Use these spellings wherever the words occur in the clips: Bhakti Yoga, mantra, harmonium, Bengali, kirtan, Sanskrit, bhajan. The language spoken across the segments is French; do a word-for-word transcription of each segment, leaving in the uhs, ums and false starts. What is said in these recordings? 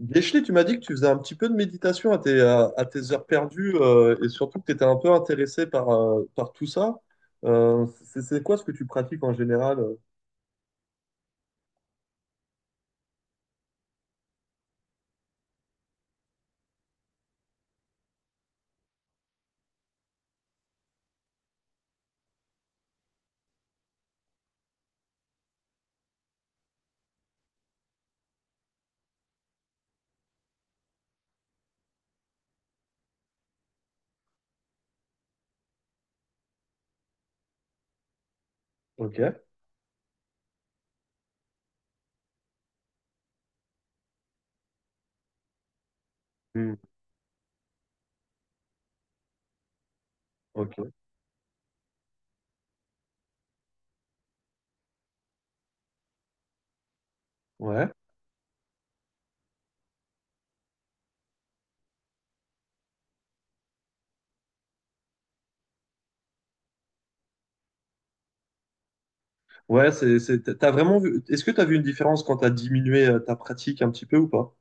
Guéchelé, tu m'as dit que tu faisais un petit peu de méditation à tes, à, à tes heures perdues euh, et surtout que tu étais un peu intéressé par, euh, par tout ça. Euh, c'est c'est quoi ce que tu pratiques en général? euh Ok. Hmm, ok. Ouais. Ouais, c'est, c'est, t'as vraiment vu. Est-ce que tu as vu une différence quand tu as diminué euh, ta pratique un petit peu ou pas?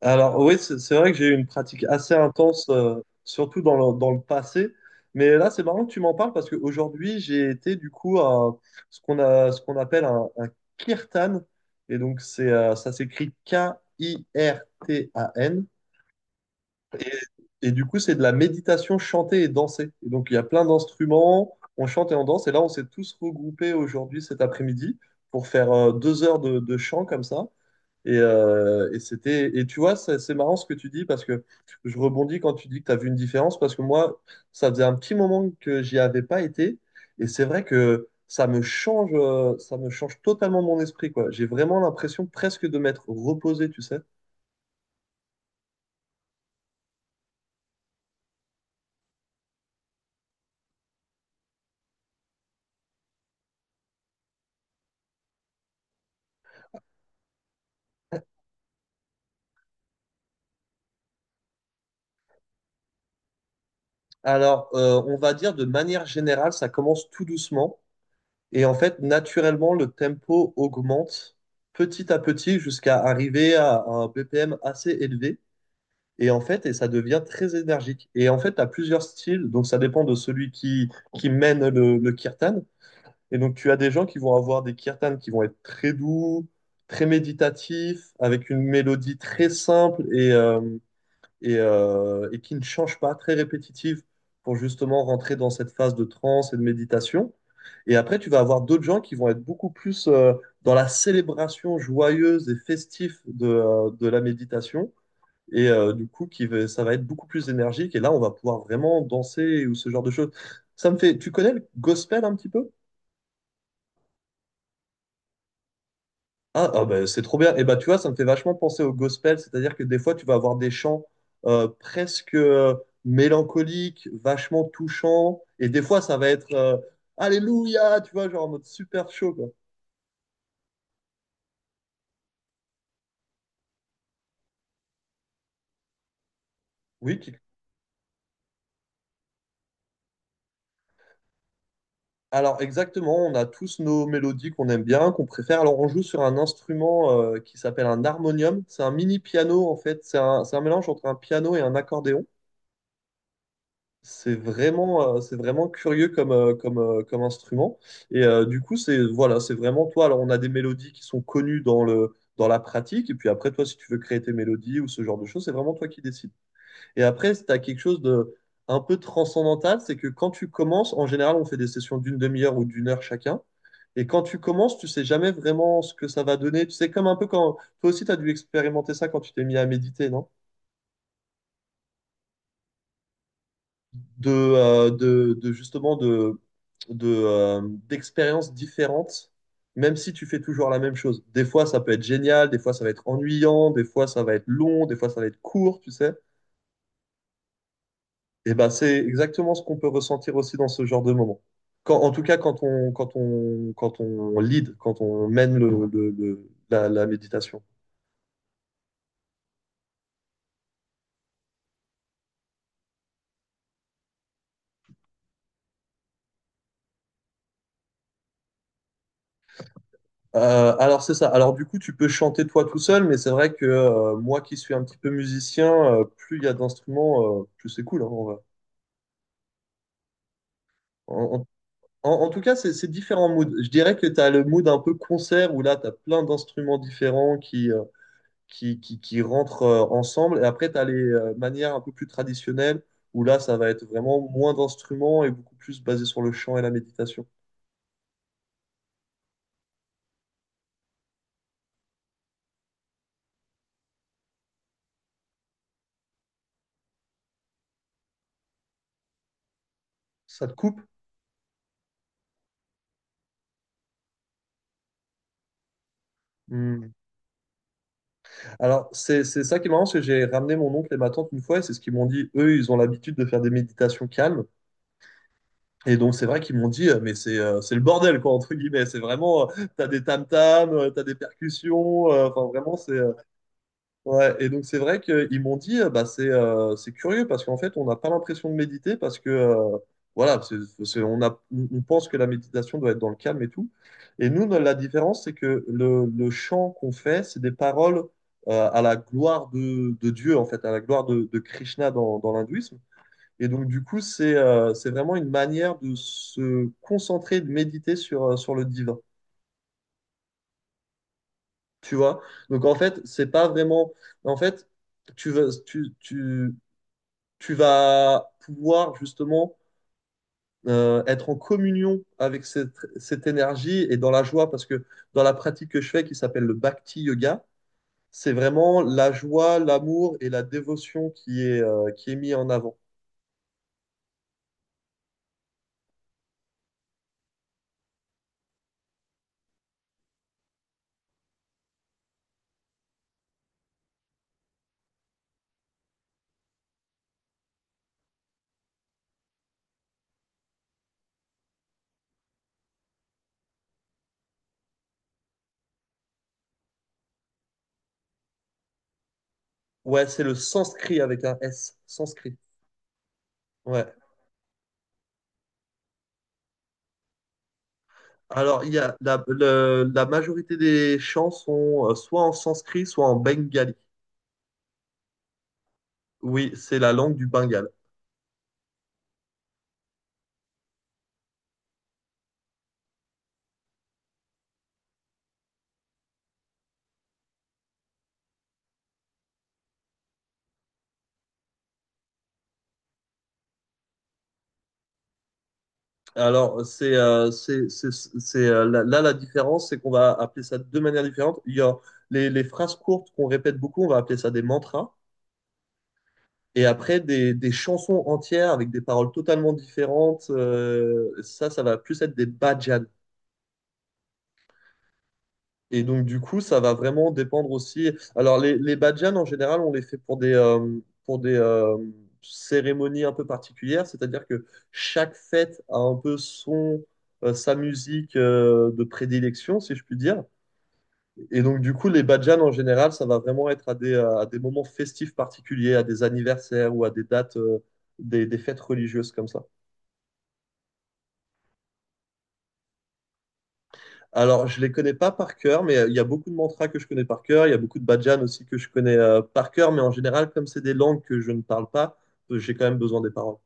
Alors oui, c'est c'est vrai que j'ai eu une pratique assez intense, euh, surtout dans le, dans le passé. Mais là, c'est marrant que tu m'en parles parce qu'aujourd'hui, j'ai été du coup à ce qu'on a, ce qu'on appelle un, un kirtan. Et donc, c'est, euh, ça s'écrit K I R T A N. Et du coup, c'est de la méditation chantée et dansée. Et donc, il y a plein d'instruments, on chante et on danse. Et là, on s'est tous regroupés aujourd'hui, cet après-midi, pour faire euh, deux heures de, de chant comme ça. Et, euh, et c'était, et tu vois, c'est c'est marrant ce que tu dis parce que je rebondis quand tu dis que tu as vu une différence parce que moi, ça faisait un petit moment que j'y avais pas été et c'est vrai que ça me change, euh, ça me change totalement mon esprit, quoi. J'ai vraiment l'impression presque de m'être reposé, tu sais. Alors, euh, on va dire de manière générale, ça commence tout doucement et en fait, naturellement, le tempo augmente petit à petit jusqu'à arriver à un B P M assez élevé. Et en fait, et ça devient très énergique. Et en fait, tu as plusieurs styles, donc ça dépend de celui qui, qui mène le, le kirtan. Et donc, tu as des gens qui vont avoir des kirtans qui vont être très doux, très méditatifs, avec une mélodie très simple et, euh, et, euh, et qui ne change pas, très répétitive, pour justement rentrer dans cette phase de transe et de méditation. Et après, tu vas avoir d'autres gens qui vont être beaucoup plus euh, dans la célébration joyeuse et festive de, euh, de la méditation. Et euh, du coup, qui va- ça va être beaucoup plus énergique. Et là, on va pouvoir vraiment danser ou ce genre de choses. Ça me fait. Tu connais le gospel un petit peu? Ah, ah bah, c'est trop bien. Et bah, tu vois, ça me fait vachement penser au gospel. C'est-à-dire que des fois, tu vas avoir des chants euh, presque euh, mélancoliques, vachement touchants. Et des fois, ça va être euh, Alléluia, tu vois, genre en mode super chaud, quoi. Oui. Alors exactement, on a tous nos mélodies qu'on aime bien, qu'on préfère. Alors on joue sur un instrument euh, qui s'appelle un harmonium. C'est un mini piano en fait. C'est un, c'est un mélange entre un piano et un accordéon. C'est vraiment, euh, c'est vraiment curieux comme, euh, comme, euh, comme instrument. Et euh, du coup, c'est voilà, c'est vraiment toi. Alors on a des mélodies qui sont connues dans le, dans la pratique. Et puis après, toi, si tu veux créer tes mélodies ou ce genre de choses, c'est vraiment toi qui décides. Et après, tu as quelque chose de un peu transcendantal, c'est que quand tu commences, en général, on fait des sessions d'une demi-heure ou d'une heure chacun. Et quand tu commences, tu sais jamais vraiment ce que ça va donner. Tu sais, comme un peu quand toi aussi, tu as dû expérimenter ça quand tu t'es mis à méditer, non? De, euh, de, de justement de, de, euh, d'expériences différentes, même si tu fais toujours la même chose. Des fois, ça peut être génial, des fois, ça va être ennuyant, des fois, ça va être long, des fois, ça va être court, tu sais. Et ben, c'est exactement ce qu'on peut ressentir aussi dans ce genre de moment. Quand, en tout cas, quand on, quand on, quand on lead, quand on mène le, le- le- la, la méditation. Euh, alors, c'est ça. Alors, du coup, tu peux chanter toi tout seul, mais c'est vrai que euh, moi qui suis un petit peu musicien, euh, plus il y a d'instruments, euh, plus c'est cool, hein, en vrai. En, en- en tout cas, c'est c'est différents moods. Je dirais que tu as le mood un peu concert où là, tu as plein d'instruments différents qui, euh, qui, qui, qui rentrent euh, ensemble. Et après, tu as les euh, manières un peu plus traditionnelles, où là, ça va être vraiment moins d'instruments et beaucoup plus basé sur le chant et la méditation. Ça te coupe? Hmm. Alors, c'est, c'est ça qui est marrant, c'est que j'ai ramené mon oncle et ma tante une fois, et c'est ce qu'ils m'ont dit. Eux, ils ont l'habitude de faire des méditations calmes. Et donc, c'est vrai qu'ils m'ont dit, euh, mais c'est euh, c'est le bordel, quoi, entre guillemets. C'est vraiment, euh, t'as des tam-tams, euh, t'as des percussions, euh, enfin, vraiment. c'est... euh, Ouais, et donc c'est vrai qu'ils m'ont dit, euh, bah, c'est euh, c'est curieux parce qu'en fait, on n'a pas l'impression de méditer parce que, euh, voilà, c'est, c'est- on a, on on pense que la méditation doit être dans le calme et tout. Et nous, no- la différence, c'est que le, le chant qu'on fait, c'est des paroles euh, à la gloire de, de Dieu, en fait, à la gloire de, de Krishna dans, dans l'hindouisme. Et donc, du coup, c'est euh, c'est vraiment une manière de se concentrer, de méditer sur, euh, sur le divin, tu vois? Donc, en fait, c'est pas vraiment. En fait, tu veux, tu, tu, tu vas pouvoir justement euh, être en communion avec cette, cette énergie et dans la joie, parce que dans la pratique que je fais, qui s'appelle le Bhakti Yoga, c'est vraiment la joie, l'amour et la dévotion qui est, euh, qui est mis en avant. Ouais, c'est le sanskrit avec un S, sanskrit. Ouais. Alors, il y a la, le- la majorité des chants sont euh, soit en sanskrit, soit en bengali. Oui, c'est la langue du Bengale. Alors, c'est euh, c'est c'est c'est, euh, là, là, la différence, c'est qu'on va appeler ça de deux manières différentes. Il y a les, les phrases courtes qu'on répète beaucoup, on va appeler ça des mantras. Et après, des, des chansons entières avec des paroles totalement différentes, euh, ça, ça va plus être des bhajans. Et donc, du coup, ça va vraiment dépendre aussi. Alors, les, les badjans, en général, on les fait pour des, euh, pour des euh, cérémonies un peu particulières, c'est-à-dire que chaque fête a un peu son, euh, sa musique euh, de prédilection, si je puis dire. Et donc, du coup, les badjans, en général, ça va vraiment être à des, à des moments festifs particuliers, à des anniversaires ou à des dates, euh, des, des fêtes religieuses comme ça. Alors, je les connais pas par cœur, mais euh, il y a beaucoup de mantras que je connais par cœur. Il y a beaucoup de bhajans aussi que je connais euh, par cœur, mais en général, comme c'est des langues que je ne parle pas, euh, j'ai quand même besoin des paroles.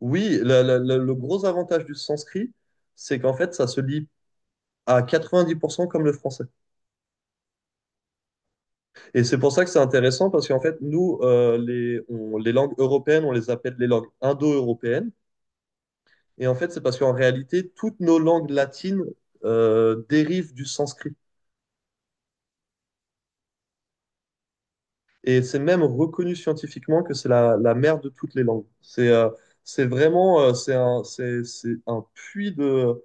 Oui, la- la- la- le gros avantage du sanskrit, c'est qu'en fait, ça se lit à quatre-vingt-dix pour cent comme le français. Et c'est pour ça que c'est intéressant, parce qu'en fait, nous, euh, les, on- les langues européennes, on les appelle les langues indo-européennes. Et en fait, c'est parce qu'en réalité, toutes nos langues latines euh, dérivent du sanskrit. Et c'est même reconnu scientifiquement que c'est la, la mère de toutes les langues. C'est euh, c'est vraiment euh, c'est un, c'est, c'est un puits de,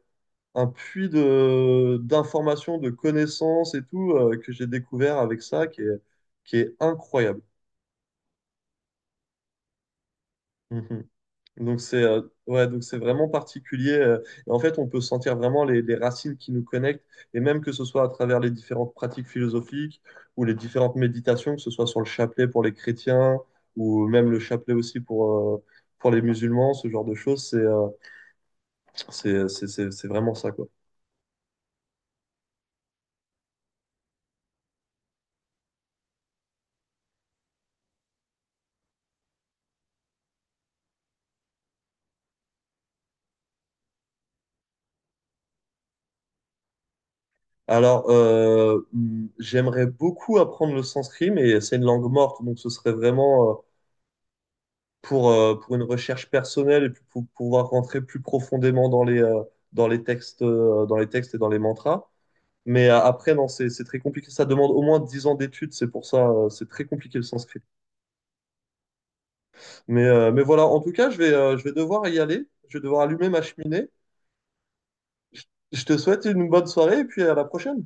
un puits de, d'informations, de connaissances et tout euh, que j'ai découvert avec ça qui est, qui est incroyable. Mhm. Donc c'est euh, ouais, donc c'est vraiment particulier. Euh, et en fait, on peut sentir vraiment les, les racines qui nous connectent, et même que ce soit à travers les différentes pratiques philosophiques ou les différentes méditations, que ce soit sur le chapelet pour les chrétiens ou même le chapelet aussi pour, euh, pour les musulmans, ce genre de choses, c'est euh, c'est, c'est, c'est, c'est vraiment ça, quoi. Alors, euh, hmm, j'aimerais beaucoup apprendre le sanskrit, mais c'est une langue morte, donc ce serait vraiment euh, pour, euh, pour une recherche personnelle et puis pour pouvoir rentrer plus profondément dans les, euh, dans les textes, euh, dans les textes et dans les mantras. Mais euh, après, non, c'est c'est très compliqué. Ça demande au moins dix ans d'études. C'est pour ça, euh, c'est très compliqué le sanskrit. Mais, euh, mais voilà, en tout cas, je vais, euh, je vais devoir y aller. Je vais devoir allumer ma cheminée. Je te souhaite une bonne soirée et puis à la prochaine.